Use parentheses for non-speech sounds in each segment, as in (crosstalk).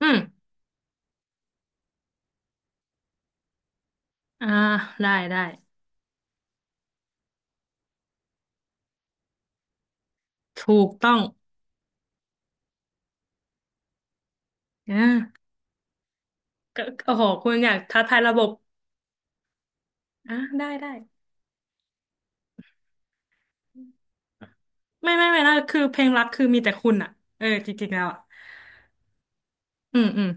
อืมอ่าได้ได้ ถูกต้องอ่าก็โอ้โหคุณอยากท้าทายระบบอ่าได้ไม่ไม่ไม่นะคือเพลงรักคือมีแต่คุณอ่ะเออจริงๆแล้วอ่ะอืมอืม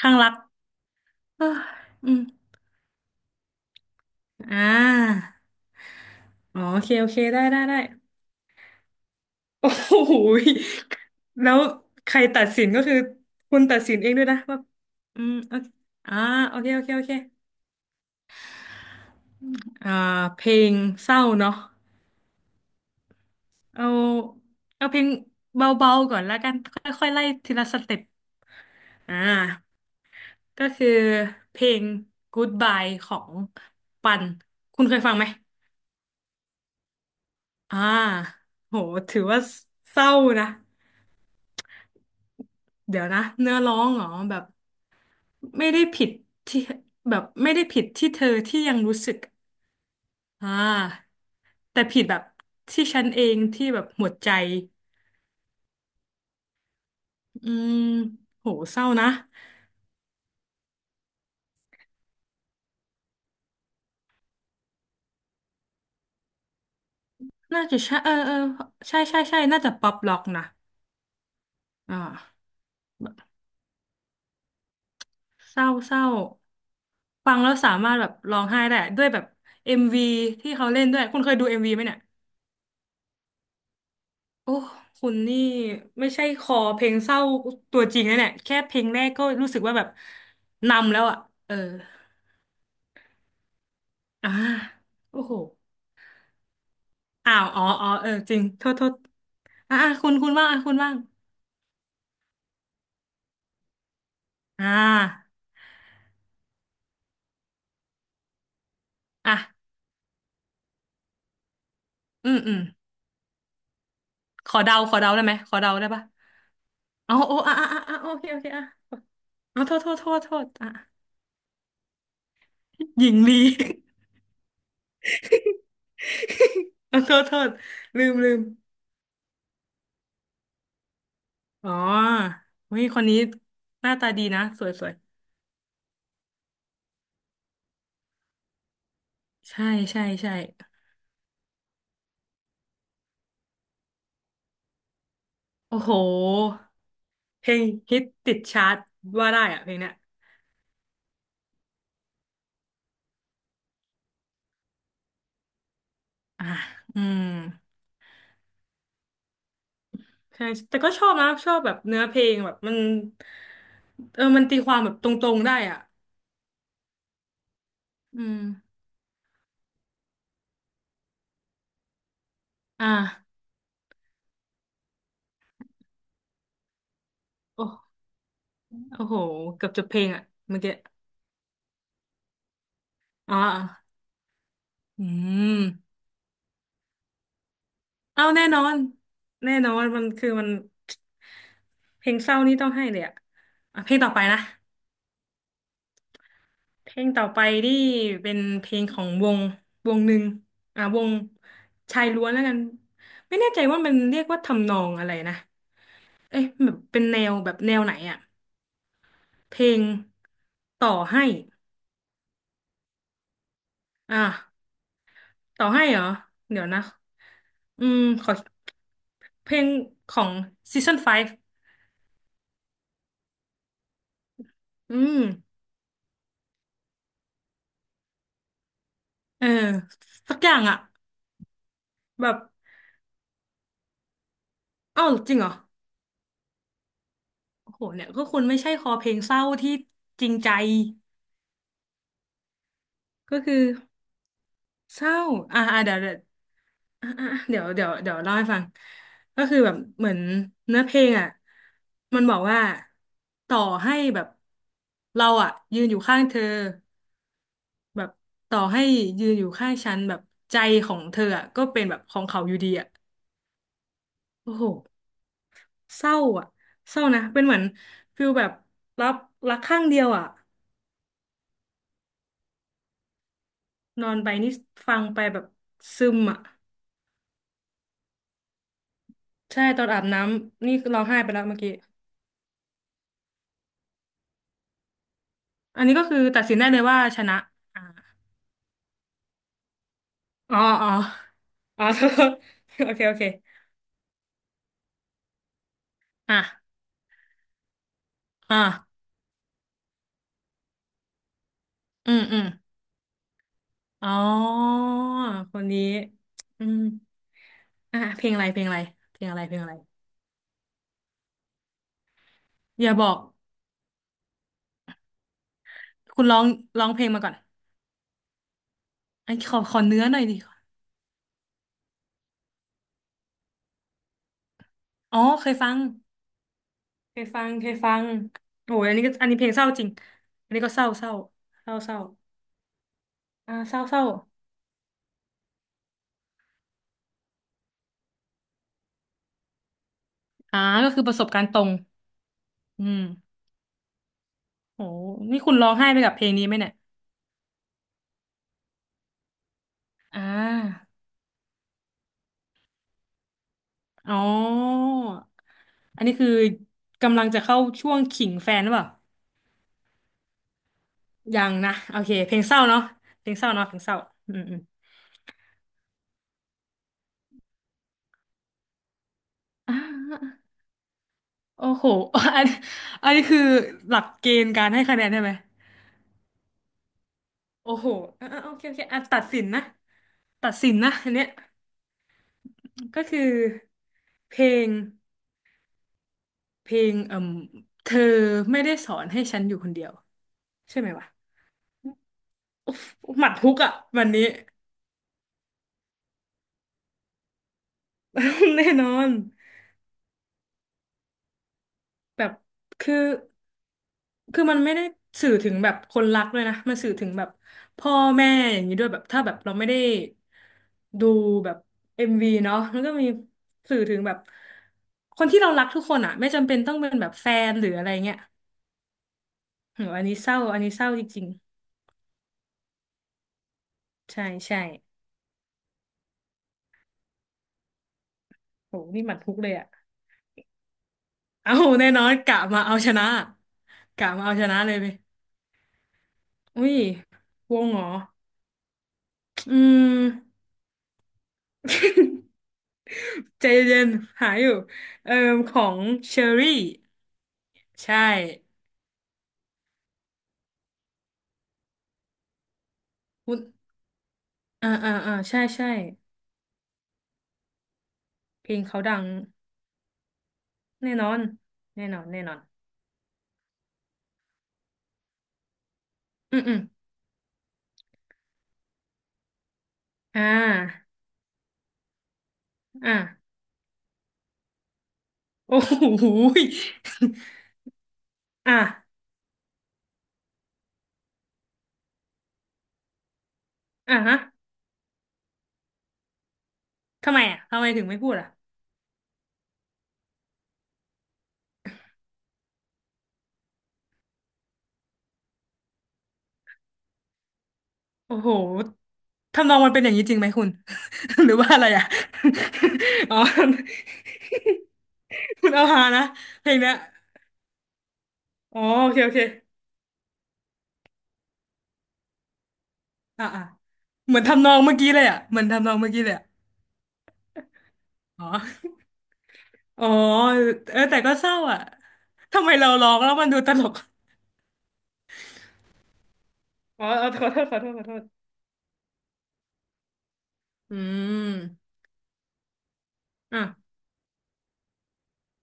ข้างรักเอ้ยอืมอ่าอ๋อโอเคโอเคได้ได้ได้ โอ้โหยแล้วใครตัดสินก็คือคุณตัดสินเองด้วยนะว่าอืมโอเคอ่าโอเคโอเคโอเคอ่า เพลงเศร้าเนาะ เอาเอาเพลงเบาๆก่อนแล้วกันค่อยๆไล่ทีละสเต็ปอ่าก็คือเพลง Goodbye ของปันคุณเคยฟังไหมอ่าโหถือว่าเศร้านะเดี๋ยวนะเนื้อร้องเหรอแบบไม่ได้ผิดที่แบบไม่ได้ผิดที่เธอที่ยังรู้สึกอ่าแต่ผิดแบบที่ฉันเองที่แบบหมดใจอืมโหเศร้านะน่าจะใช่เออเออใช่ใช่ใช่น่าจะป๊อปล็อกนะ อ่าเศร้าเศร้าฟังแล้วสามารถแบบร้องไห้ได้อะด้วยแบบเอ็มวีที่เขาเล่นด้วยคุณเคยดูเอ็มวีไหมเนี่ยโอ้คุณนี่ไม่ใช่คอเพลงเศร้าตัวจริงนะเนี่ยแค่เพลงแรกก็รู้สึกว่าแบบนำแล้วอ่ะเอออ่าโอ้โหอ้าวอ๋ออ๋อเออจริงโทษโทษอ่ะอ่ะคุณคุณว่างอ่ะคุณว่างอ่าอ่ะอืมอืมขอเดาขอเดาได้ไหมขอเดาได้ปะอ๋อโอ้อ่ะอ่ะอ่ะอ่ะโอเคโอเคอ่ะอ๋อโทษโทษโทษโทษอ่ะหญิงลี (laughs) เออโทษโทษลืมลืมอ๋อเฮ้ยคนนี้หน้าตาดีนะสวยสวยใช่ใช่ใช่โอ้โหเพลงฮิตติดชาร์ตว่าได้อะเพลงเนี้ยอ่ะอืมใช่แต่ก็ชอบนะชอบแบบเนื้อเพลงแบบมันเออมันตีความแบบตรงๆได้อ่ะอืมอ่ะโอ้โอ้โหเกือบจบเพลงอ่ะเมื่อกี้อ๋ออืมเอาแน่นอนแน่นอนมันคือมัน เพลงเศร้านี่ต้องให้เลยอะอ่ะเพลงต่อไปนะ เพลงต่อไปนี่เป็นเพลงของวงวงหนึ่งอ่ะวงชายล้วนแล้วกันไม่แน่ใจว่ามันเรียกว่าทำนองอะไรนะเอ๊ะแบบเป็นแนวแบบแนวไหนอะเพลงต่อให้อ่ะต่อให้เหรอเดี๋ยวนะอืมขอเพลงของซีซั่น5อืมเออสักอย่างอะแบบอ้าวจริงเหรอโอ้โหเนี่ยก็คุณไม่ใช่คอเพลงเศร้าที่จริงใจ ก็คือเศร้าเดี๋ยวเดี๋ยวอ่ะอ่ะเดี๋ยวเดี๋ยวเดี๋ยวเล่าให้ฟังก็คือแบบเหมือนเนื้อเพลงอ่ะมันบอกว่าต่อให้แบบเราอ่ะยืนอยู่ข้างเธอแบบต่อให้ยืนอยู่ข้างฉันแบบใจของเธออ่ะก็เป็นแบบของเขาอยู่ดีอ่ะโอ้โหเศร้าอ่ะเศร้านะเป็นเหมือนฟิลแบบรับรักข้างเดียวอ่ะนอนไปนี่ฟังไปแบบซึมอ่ะใช่ตอนอาบน้ำนี่ร้องไห้ไปแล้วเมื่อกี้ อันนี้ก็คือตัดสินได้เลยว่าชนะอ่าอ๋ออ๋อ อ๋อ (laughs) โทษโอเคโอเค อ่ะอ่าอืมอืมอ๋อคนนี้อืมอ่ะเพลงอะไรเพลงอะไรเพลงอะไรเพลงอะไรอย่าบอกคุณร้องร้องเพลงมาก่อนอันขอขอเนื้อหน่อยดิอ๋อเคยฟัง เคยฟัง เคยฟังโอ้ยอันนี้ก็อันนี้เพลงเศร้าจริงอันนี้ก็เศร้าเศร้าเศร้าเศร้าเศร้าเศร้าอ่าก็คือประสบการณ์ตรงอืมโหนี่คุณร้องไห้ไปกับเพลงนี้ไหมเนี่ย อ่าอ๋ออันนี้คือกำลังจะเข้าช่วงขิงแฟนหรือเปล่ายังนะโอเคเพลงเศร้าเนาะเพลงเศร้าเนาะเพลงเศร้าอืมอืม (laughs) อ่าโอ้โหอันอันนี้คือหลักเกณฑ์การให้คะแนนใช่ไหมโอ้โหโอเคโอเคอ่ะตัดสินนะตัดสินนะอันเนี้ยก็คือเพลงเพลงเอ่มเธอไม่ได้สอนให้ฉันอยู่คนเดียวใช่ไหมวะอุ๊ยหมัดฮุกอ่ะวันนี้ (laughs) แน่นอน แบบคือคือมันไม่ได้สื่อถึงแบบคนรักด้วยนะมันสื่อถึงแบบพ่อแม่อย่างนี้ด้วยแบบถ้าแบบเราไม่ได้ดูแบบเอ็มวีเนาะมันก็มีสื่อถึงแบบคนที่เรารักทุกคนอ่ะไม่จำเป็นต้องเป็นแบบแฟนหรืออะไรเงี้ยโหอันนี้เศร้าอันนี้เศร้าจริงๆใช่ใช่โหนี่หมัดฮุกเลยอ่ะเอาแน่นอนกะมาเอาชนะกะมาเอาชนะเลยไปอุ้ยวงเหรออืม ใจเย็น (laughs) ๆหาอยู่เอ่อของเชอรี่ใช่คุณอ่าอ่าอ่าใช่ใช่เพลงเขาดังแน่นอนแน่นอนแน่นอนอืมอืมอ่าอ่า (laughs) โอ้โหย (laughs) อ่าอ่าฮะทำไมอ่ะทำไมถึงไม่พูดอ่ะโอ้โหทำนองมันเป็นอย่างนี้จริงไหมคุณ (laughs) หรือว่าอะไรอ่ะ (laughs) อ๋อ (laughs) คุณเอาฮานะเพลงเนี้ยอ๋อโอเคโอเคอ่าอ่าเหมือนทำนองเมื่อกี้เลยอ่ะเหมือนทำนองเมื่อกี้เลยอ่ะ อ๋ออ๋อเออแต่ก็เศร้าอ่ะทำไมเราร้องแล้วมันดูตลกอ๋อเออขอโทษขอโทษขอโทษ อืม อ่ะ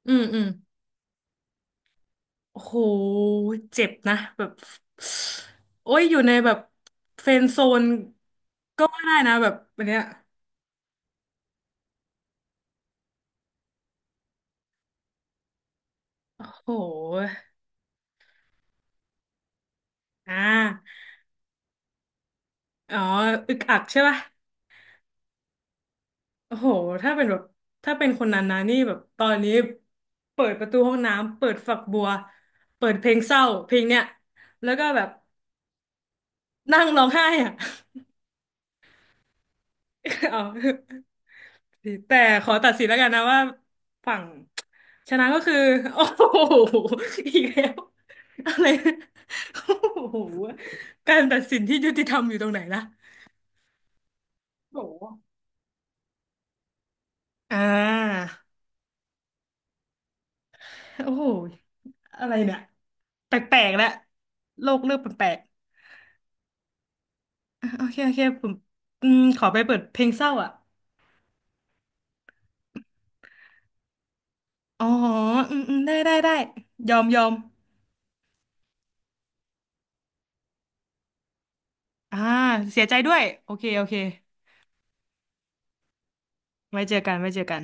อืมอืมโอ้โหเจ็บนะแบบโอ้ย อยู่ในแบบเฟรนด์โซนก็ว่าได้นะแบบอันเนี้ยโอ้โหอ่าอ๋อ อึกอักใช่ป่ะโอ้โห ถ้าเป็นแบบ ถ้าเป็นคนนั้นนะนี่แบบตอนนี้เปิดประตูห้องน้ำ เปิดฝักบัว เปิดเพลงเศร้าเพลงเนี้ยแล้วก็แบบ นั่งร้องไห้อ่ะ (laughs) เอาแต่ขอตัดสินแล้วกันนะว่าฝั่งชนะก็คือ (laughs) โอ้โหอีกแล้วอะไร (laughs) โอ้โหการตัดสินที่ยุติธรรมอยู่ตรงไหนล่ะโอ้โหอ่าโอ้โหอะไรเนี่ยแปลกๆแล้วโลกเริ่มแปลกๆอ่ะโอเคโอเคผมอืมขอไปเปิดเพลงเศร้าอ่ะอ๋ออืมอืมได้ได้ได้ยอมยอมอ่าเสียใจด้วยโอเคโอเค ไว้เจอกันไว้เจอกัน